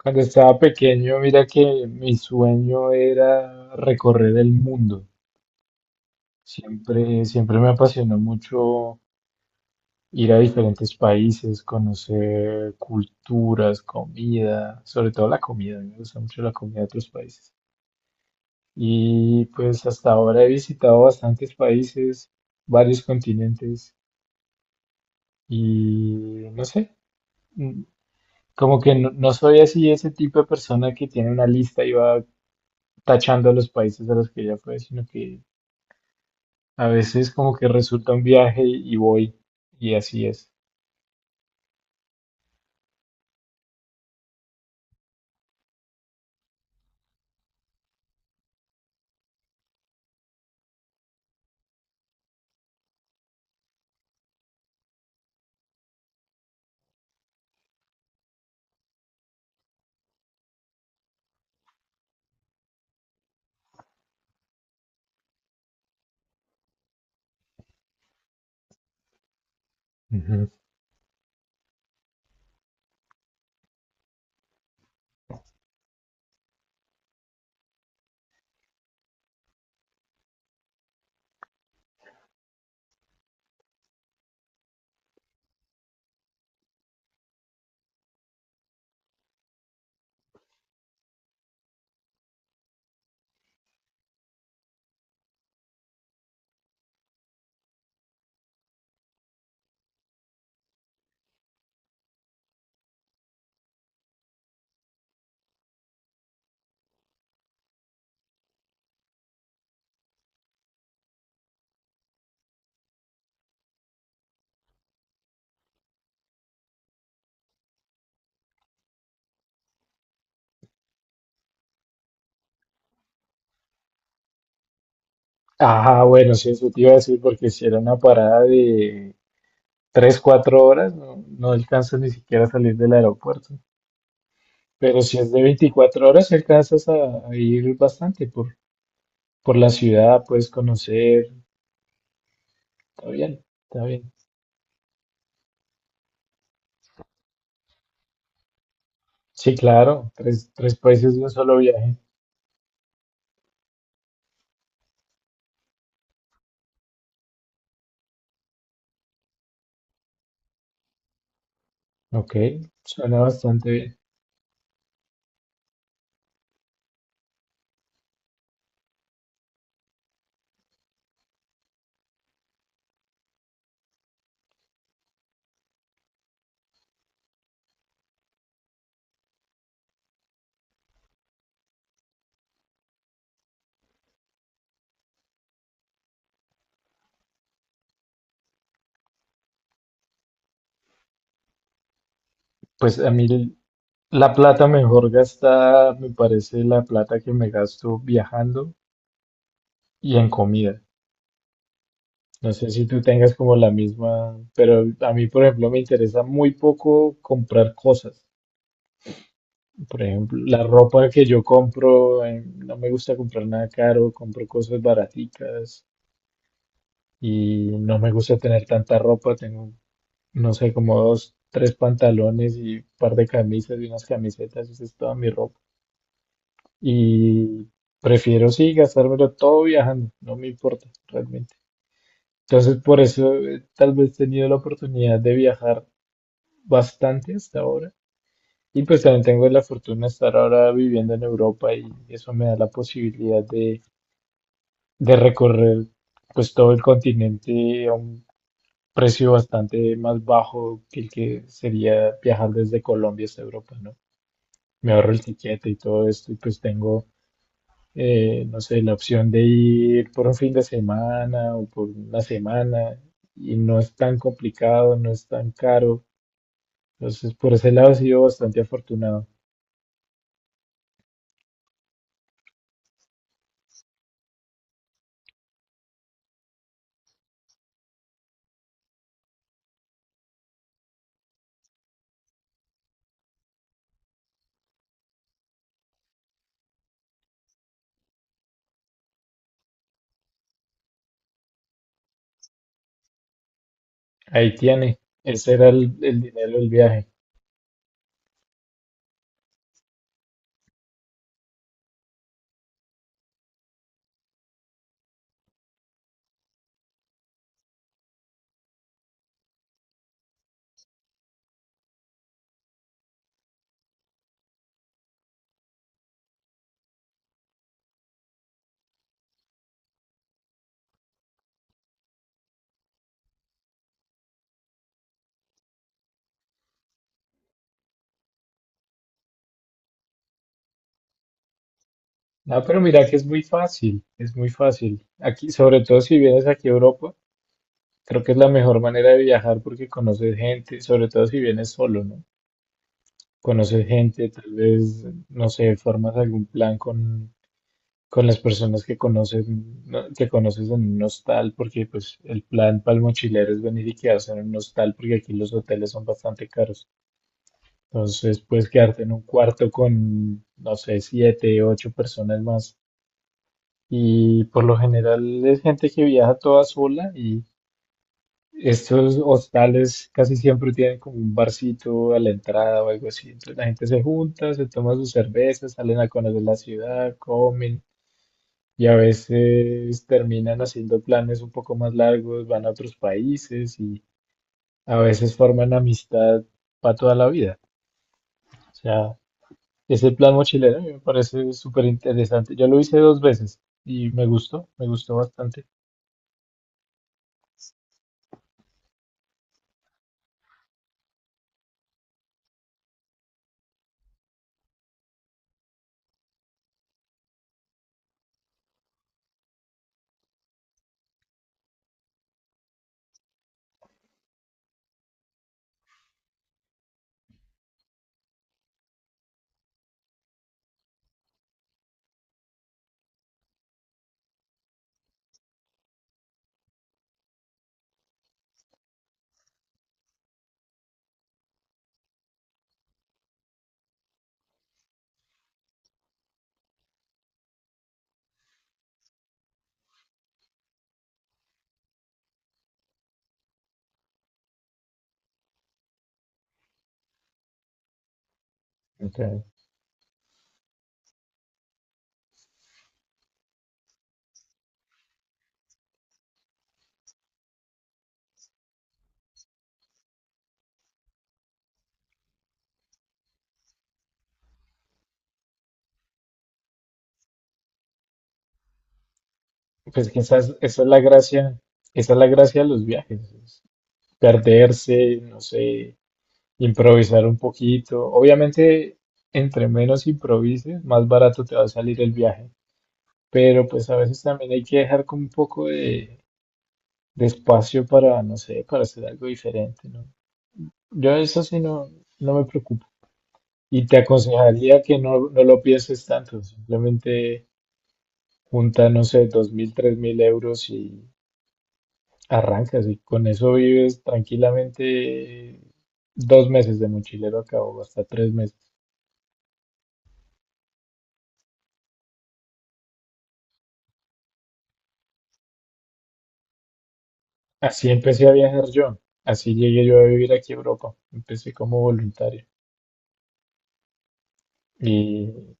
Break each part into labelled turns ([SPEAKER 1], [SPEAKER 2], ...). [SPEAKER 1] Cuando estaba pequeño, mira que mi sueño era recorrer el mundo. Siempre, siempre me apasionó mucho ir a diferentes países, conocer culturas, comida, sobre todo la comida. Me gusta mucho la comida de otros países. Y pues hasta ahora he visitado bastantes países, varios continentes y no sé, mm, como que no soy así ese tipo de persona que tiene una lista y va tachando los países a los que ya fue, sino que a veces como que resulta un viaje y voy y así es. Ujú. Ah, bueno, sí, eso te iba a decir porque si era una parada de 3 4 horas, no, no alcanzas ni siquiera a salir del aeropuerto. Pero si es de 24 horas, alcanzas a ir bastante por la ciudad, puedes conocer. Está bien, está bien. Sí, claro, tres países de un solo viaje. Ok, suena bastante bien. Pues a mí la plata mejor gastada me parece la plata que me gasto viajando y en comida. No sé si tú tengas como la misma, pero a mí, por ejemplo, me interesa muy poco comprar cosas. Por ejemplo, la ropa que yo compro, no me gusta comprar nada caro, compro cosas baraticas y no me gusta tener tanta ropa. Tengo, no sé, como dos, tres pantalones y un par de camisas y unas camisetas, esa es toda mi ropa. Y prefiero sí gastármelo todo viajando, no me importa realmente. Entonces por eso tal vez he tenido la oportunidad de viajar bastante hasta ahora. Y pues también tengo la fortuna de estar ahora viviendo en Europa y eso me da la posibilidad de recorrer pues todo el continente a un precio bastante más bajo que el que sería viajar desde Colombia hasta Europa, ¿no? Me ahorro el tiquete y todo esto y pues tengo no sé, la opción de ir por un fin de semana o por una semana y no es tan complicado, no es tan caro. Entonces, por ese lado he sido bastante afortunado. Ahí tiene, ese era el dinero del viaje. No, pero mira que es muy fácil, es muy fácil. Aquí, sobre todo si vienes aquí a Europa, creo que es la mejor manera de viajar porque conoces gente, sobre todo si vienes solo, ¿no? Conoces gente, tal vez, no sé, formas algún plan con las personas que conocen, ¿no?, que conoces en un hostal, porque pues el plan para el mochilero es venir y quedarse en un hostal, porque aquí los hoteles son bastante caros. Entonces puedes quedarte en un cuarto con, no sé, siete, ocho personas más. Y por lo general es gente que viaja toda sola y estos hostales casi siempre tienen como un barcito a la entrada o algo así. Entonces la gente se junta, se toma sus cervezas, salen a conocer la ciudad, comen. Y a veces terminan haciendo planes un poco más largos, van a otros países y a veces forman amistad para toda la vida. O sea, ese plan mochilero a mí me parece súper interesante. Yo lo hice 2 veces y me gustó bastante. Entonces, pues quizás esa es la gracia, esa es la gracia de los viajes, es perderse, no sé, improvisar un poquito. Obviamente, entre menos improvises, más barato te va a salir el viaje. Pero pues a veces también hay que dejar como un poco de espacio para, no sé, para hacer algo diferente, ¿no? Yo eso sí no, no me preocupo. Y te aconsejaría que no lo pienses tanto, simplemente junta, no sé, 2000, 3000 euros y arrancas y con eso vives tranquilamente 2 meses de mochilero a cabo, hasta 3 meses. Así empecé a viajar yo, así llegué yo a vivir aquí a Europa, empecé como voluntario. Y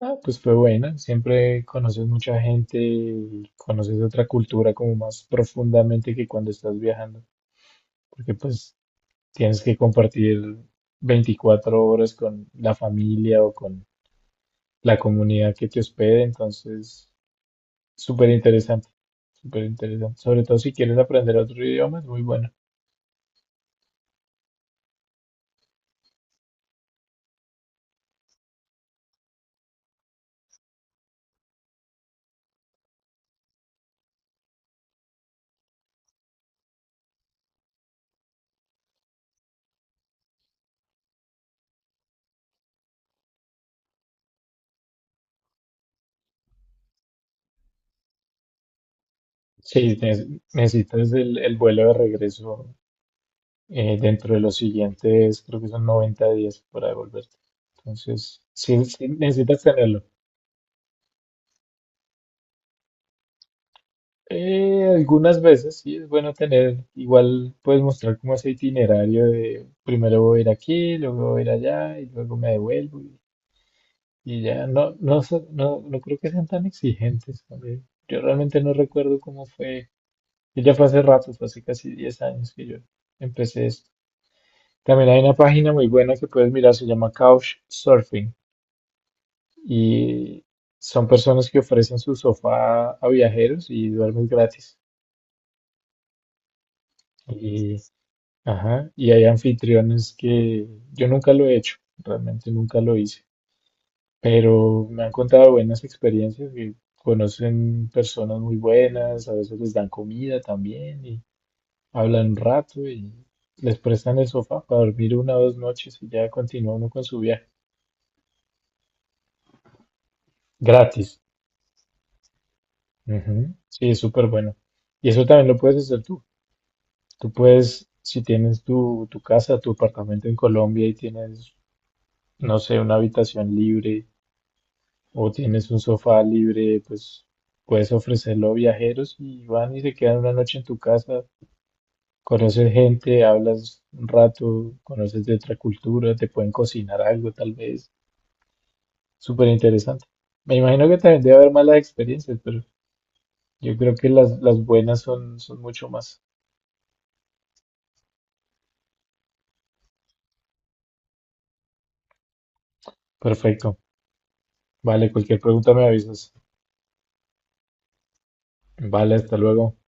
[SPEAKER 1] ah, pues fue buena, siempre conoces mucha gente y conoces otra cultura como más profundamente que cuando estás viajando, porque pues tienes que compartir 24 horas con la familia o con la comunidad que te hospede, entonces súper interesante, súper interesante, sobre todo si quieres aprender otro idioma, es muy bueno. Sí, necesitas el vuelo de regreso dentro de los siguientes, creo que son 90 días para devolverte. Entonces, sí, sí necesitas tenerlo. Algunas veces sí es bueno tener, igual puedes mostrar como ese itinerario de primero voy a ir aquí, luego voy a ir allá y luego me devuelvo y ya. No, no, no creo que sean tan exigentes. A yo realmente no recuerdo cómo fue. Que ya fue hace rato, fue hace casi 10 años que yo empecé esto. También hay una página muy buena que puedes mirar, se llama Couchsurfing. Y son personas que ofrecen su sofá a viajeros y duermes gratis. Y, ajá, y hay anfitriones que yo nunca lo he hecho, realmente nunca lo hice, pero me han contado buenas experiencias que conocen personas muy buenas, a veces les dan comida también y hablan un rato y les prestan el sofá para dormir una o dos noches y ya continúa uno con su viaje. Gratis. Ujú. Sí, es súper bueno. Y eso también lo puedes hacer tú. Tú puedes, si tienes tu casa, tu apartamento en Colombia y tienes, no sé, una habitación libre o tienes un sofá libre, pues puedes ofrecerlo a viajeros y van y se quedan una noche en tu casa, conoces gente, hablas un rato, conoces de otra cultura, te pueden cocinar algo tal vez, súper interesante. Me imagino que también debe haber malas experiencias, pero yo creo que las buenas son mucho más. Perfecto. Vale, cualquier pregunta me avisas. Vale, hasta luego.